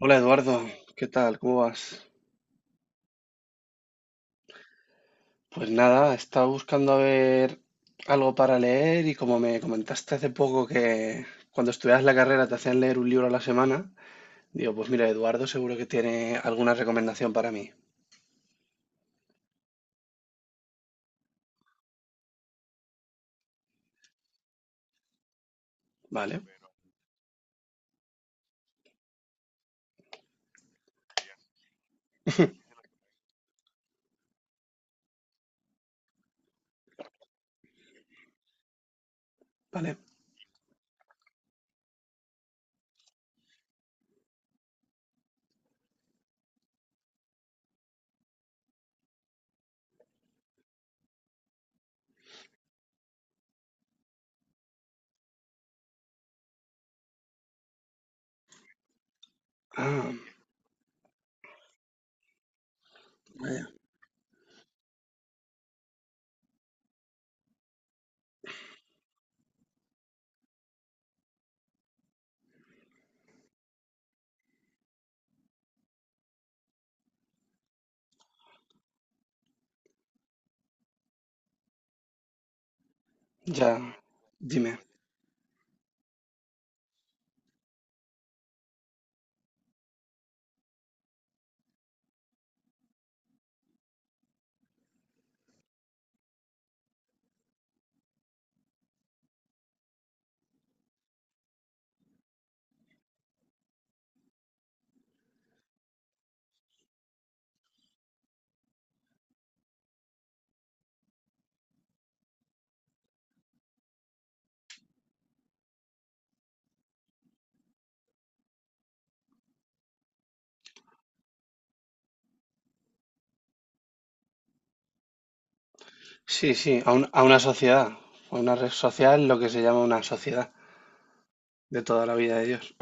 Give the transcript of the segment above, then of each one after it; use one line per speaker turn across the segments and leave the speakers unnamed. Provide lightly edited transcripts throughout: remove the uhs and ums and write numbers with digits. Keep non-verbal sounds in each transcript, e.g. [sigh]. Hola Eduardo, ¿qué tal? ¿Cómo vas? Pues nada, estaba buscando a ver algo para leer y como me comentaste hace poco que cuando estudiabas la carrera te hacían leer un libro a la semana, digo, pues mira, Eduardo seguro que tiene alguna recomendación para mí. Vale, vale. Ah, vaya. Ya, dime. Sí, sí, a una sociedad. A una red social, lo que se llama una sociedad de toda la vida de Dios.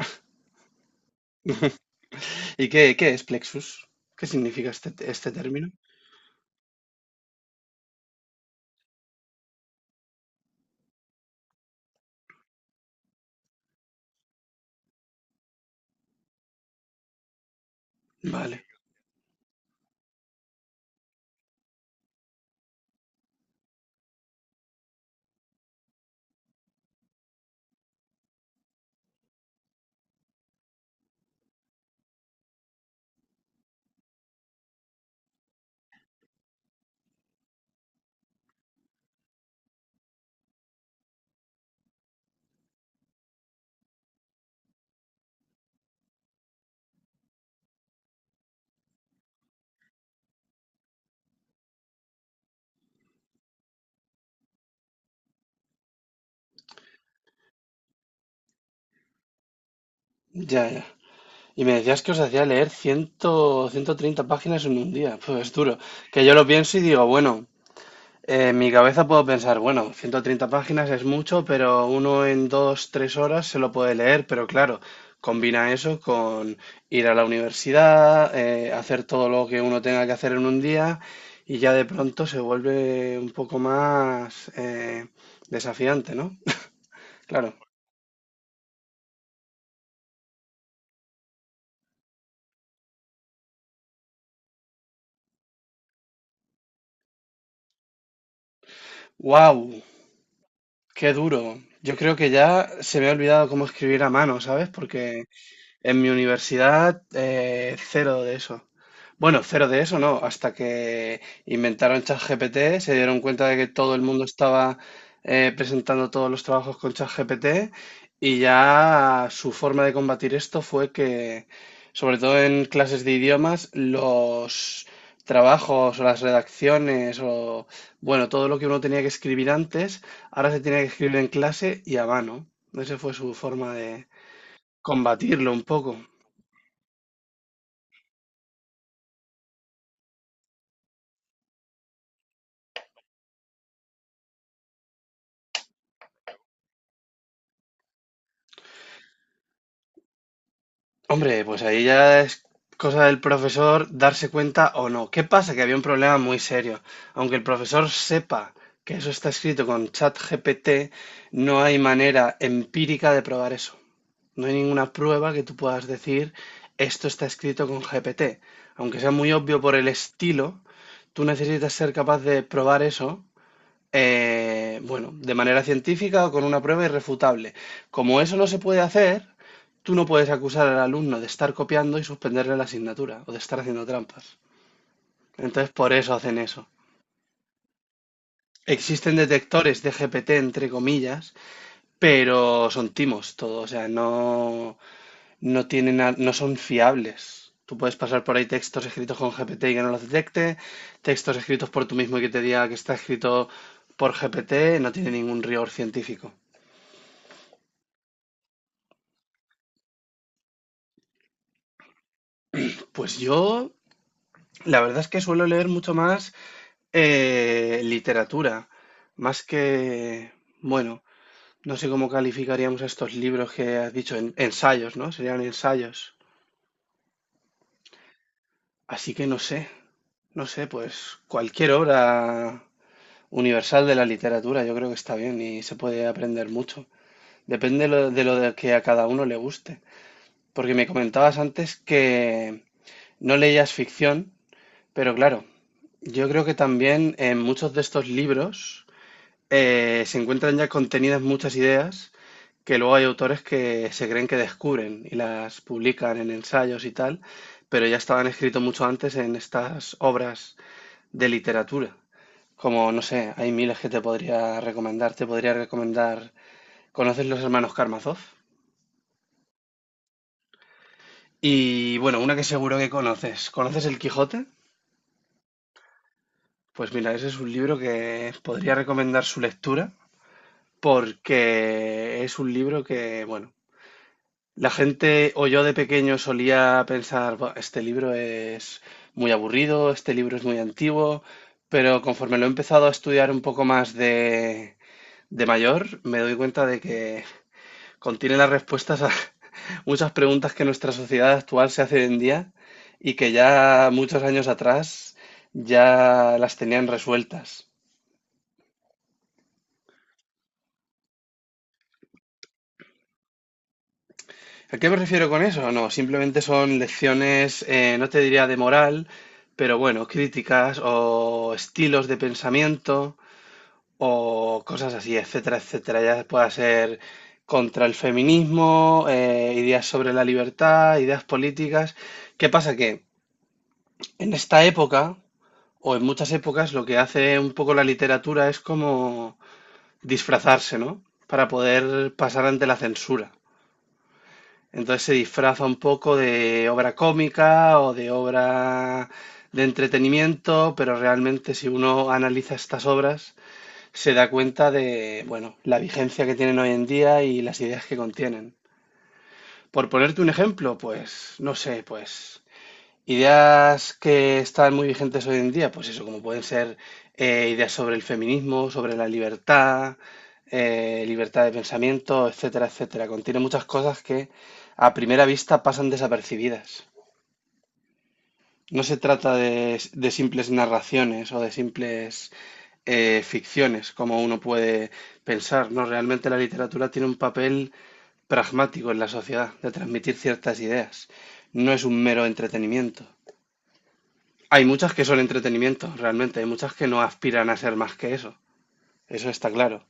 ¿Y qué es Plexus? ¿Qué significa este término? Vale, ya, ya. Y me decías que os hacía leer 100, 130 páginas en un día. [laughs] Pues es duro. Que yo lo pienso y digo, bueno, en mi cabeza puedo pensar, bueno, 130 páginas es mucho, pero uno en 2, 3 horas se lo puede leer. Pero claro, combina eso con ir a la universidad, hacer todo lo que uno tenga que hacer en un día y ya de pronto se vuelve un poco más desafiante, ¿no? Claro. ¡Wow! Qué duro. Yo creo que ya se me ha olvidado cómo escribir a mano, ¿sabes? Porque en mi universidad, cero de eso. Bueno, cero de eso no, hasta que inventaron ChatGPT, se dieron cuenta de que todo el mundo estaba presentando todos los trabajos con ChatGPT y ya su forma de combatir esto fue que, sobre todo en clases de idiomas, los trabajos o las redacciones o, bueno, todo lo que uno tenía que escribir antes, ahora se tiene que escribir en clase y a mano. Esa fue su forma de combatirlo un poco. Hombre, pues ahí ya es cosa del profesor darse cuenta o no. ¿Qué pasa? Que había un problema muy serio. Aunque el profesor sepa que eso está escrito con ChatGPT, no hay manera empírica de probar eso. No hay ninguna prueba que tú puedas decir esto está escrito con GPT. Aunque sea muy obvio por el estilo, tú necesitas ser capaz de probar eso bueno, de manera científica o con una prueba irrefutable. Como eso no se puede hacer, tú no puedes acusar al alumno de estar copiando y suspenderle la asignatura o de estar haciendo trampas. Entonces, por eso hacen eso. Existen detectores de GPT, entre comillas, pero son timos todo, o sea, no, no tienen, no son fiables. Tú puedes pasar por ahí textos escritos con GPT y que no los detecte, textos escritos por tú mismo y que te diga que está escrito por GPT, no tiene ningún rigor científico. Pues yo, la verdad es que suelo leer mucho más literatura, más que, bueno, no sé cómo calificaríamos estos libros que has dicho, ensayos, ¿no? Serían ensayos. Así que no sé, no sé, pues cualquier obra universal de la literatura yo creo que está bien y se puede aprender mucho. Depende lo de que a cada uno le guste. Porque me comentabas antes que no leías ficción. Pero claro, yo creo que también en muchos de estos libros se encuentran ya contenidas muchas ideas que luego hay autores que se creen que descubren y las publican en ensayos y tal, pero ya estaban escritos mucho antes en estas obras de literatura. Como, no sé, hay miles que te podría recomendar. Te podría recomendar. ¿Conoces los hermanos Karamazov? Y bueno, una que seguro que conoces. ¿Conoces El Quijote? Pues mira, ese es un libro que podría recomendar su lectura porque es un libro que, bueno, la gente o yo de pequeño solía pensar, "Buah, este libro es muy aburrido, este libro es muy antiguo, pero conforme lo he empezado a estudiar un poco más de, mayor, me doy cuenta de que contiene las respuestas a [laughs] muchas preguntas que nuestra sociedad actual se hace hoy en día y que ya muchos años atrás ya las tenían resueltas. ¿A qué me refiero con eso? No, simplemente son lecciones, no te diría de moral, pero bueno, críticas o estilos de pensamiento o cosas así, etcétera, etcétera. Ya pueda ser contra el feminismo, ideas sobre la libertad, ideas políticas. ¿Qué pasa? Que en esta época, o en muchas épocas, lo que hace un poco la literatura es como disfrazarse, ¿no? Para poder pasar ante la censura. Entonces se disfraza un poco de obra cómica o de obra de entretenimiento, pero realmente si uno analiza estas obras, se da cuenta de, bueno, la vigencia que tienen hoy en día y las ideas que contienen. Por ponerte un ejemplo, pues, no sé, pues ideas que están muy vigentes hoy en día, pues eso, como pueden ser ideas sobre el feminismo, sobre la libertad, libertad de pensamiento, etcétera, etcétera. Contiene muchas cosas que a primera vista pasan desapercibidas. No se trata de, de simples narraciones o de simples ficciones, como uno puede pensar, ¿no? Realmente la literatura tiene un papel pragmático en la sociedad, de transmitir ciertas ideas. No es un mero entretenimiento. Hay muchas que son entretenimiento, realmente. Hay muchas que no aspiran a ser más que eso. Eso está claro.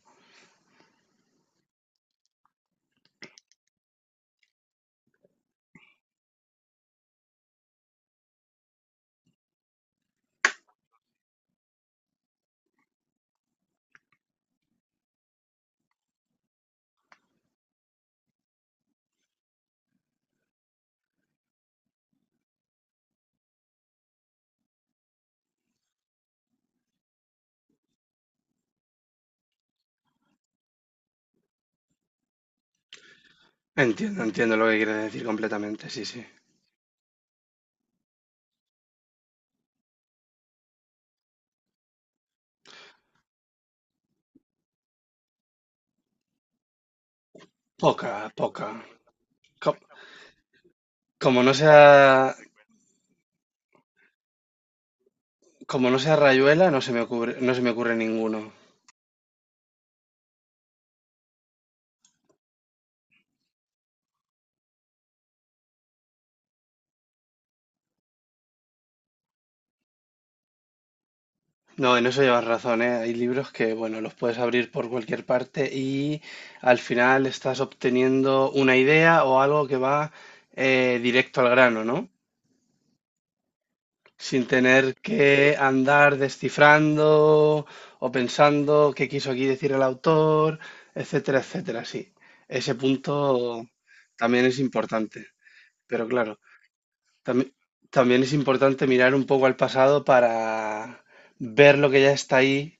Entiendo, entiendo lo que quieres decir completamente, sí, sí. Poca, poca. Co- Como no sea, como no sea Rayuela, no se me ocurre ninguno. No, en eso llevas razón, ¿eh? Hay libros que, bueno, los puedes abrir por cualquier parte y al final estás obteniendo una idea o algo que va directo al grano, ¿no? Sin tener que andar descifrando o pensando qué quiso aquí decir el autor, etcétera, etcétera. Sí, ese punto también es importante, pero claro, también, también es importante mirar un poco al pasado para ver lo que ya está ahí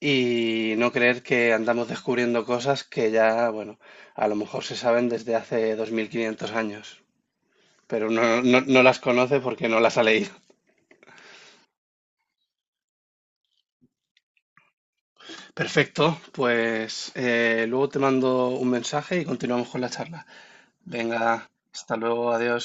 y no creer que andamos descubriendo cosas que ya, bueno, a lo mejor se saben desde hace 2500 años, pero uno no, no las conoce porque no las ha leído. Perfecto, pues luego te mando un mensaje y continuamos con la charla. Venga, hasta luego, adiós.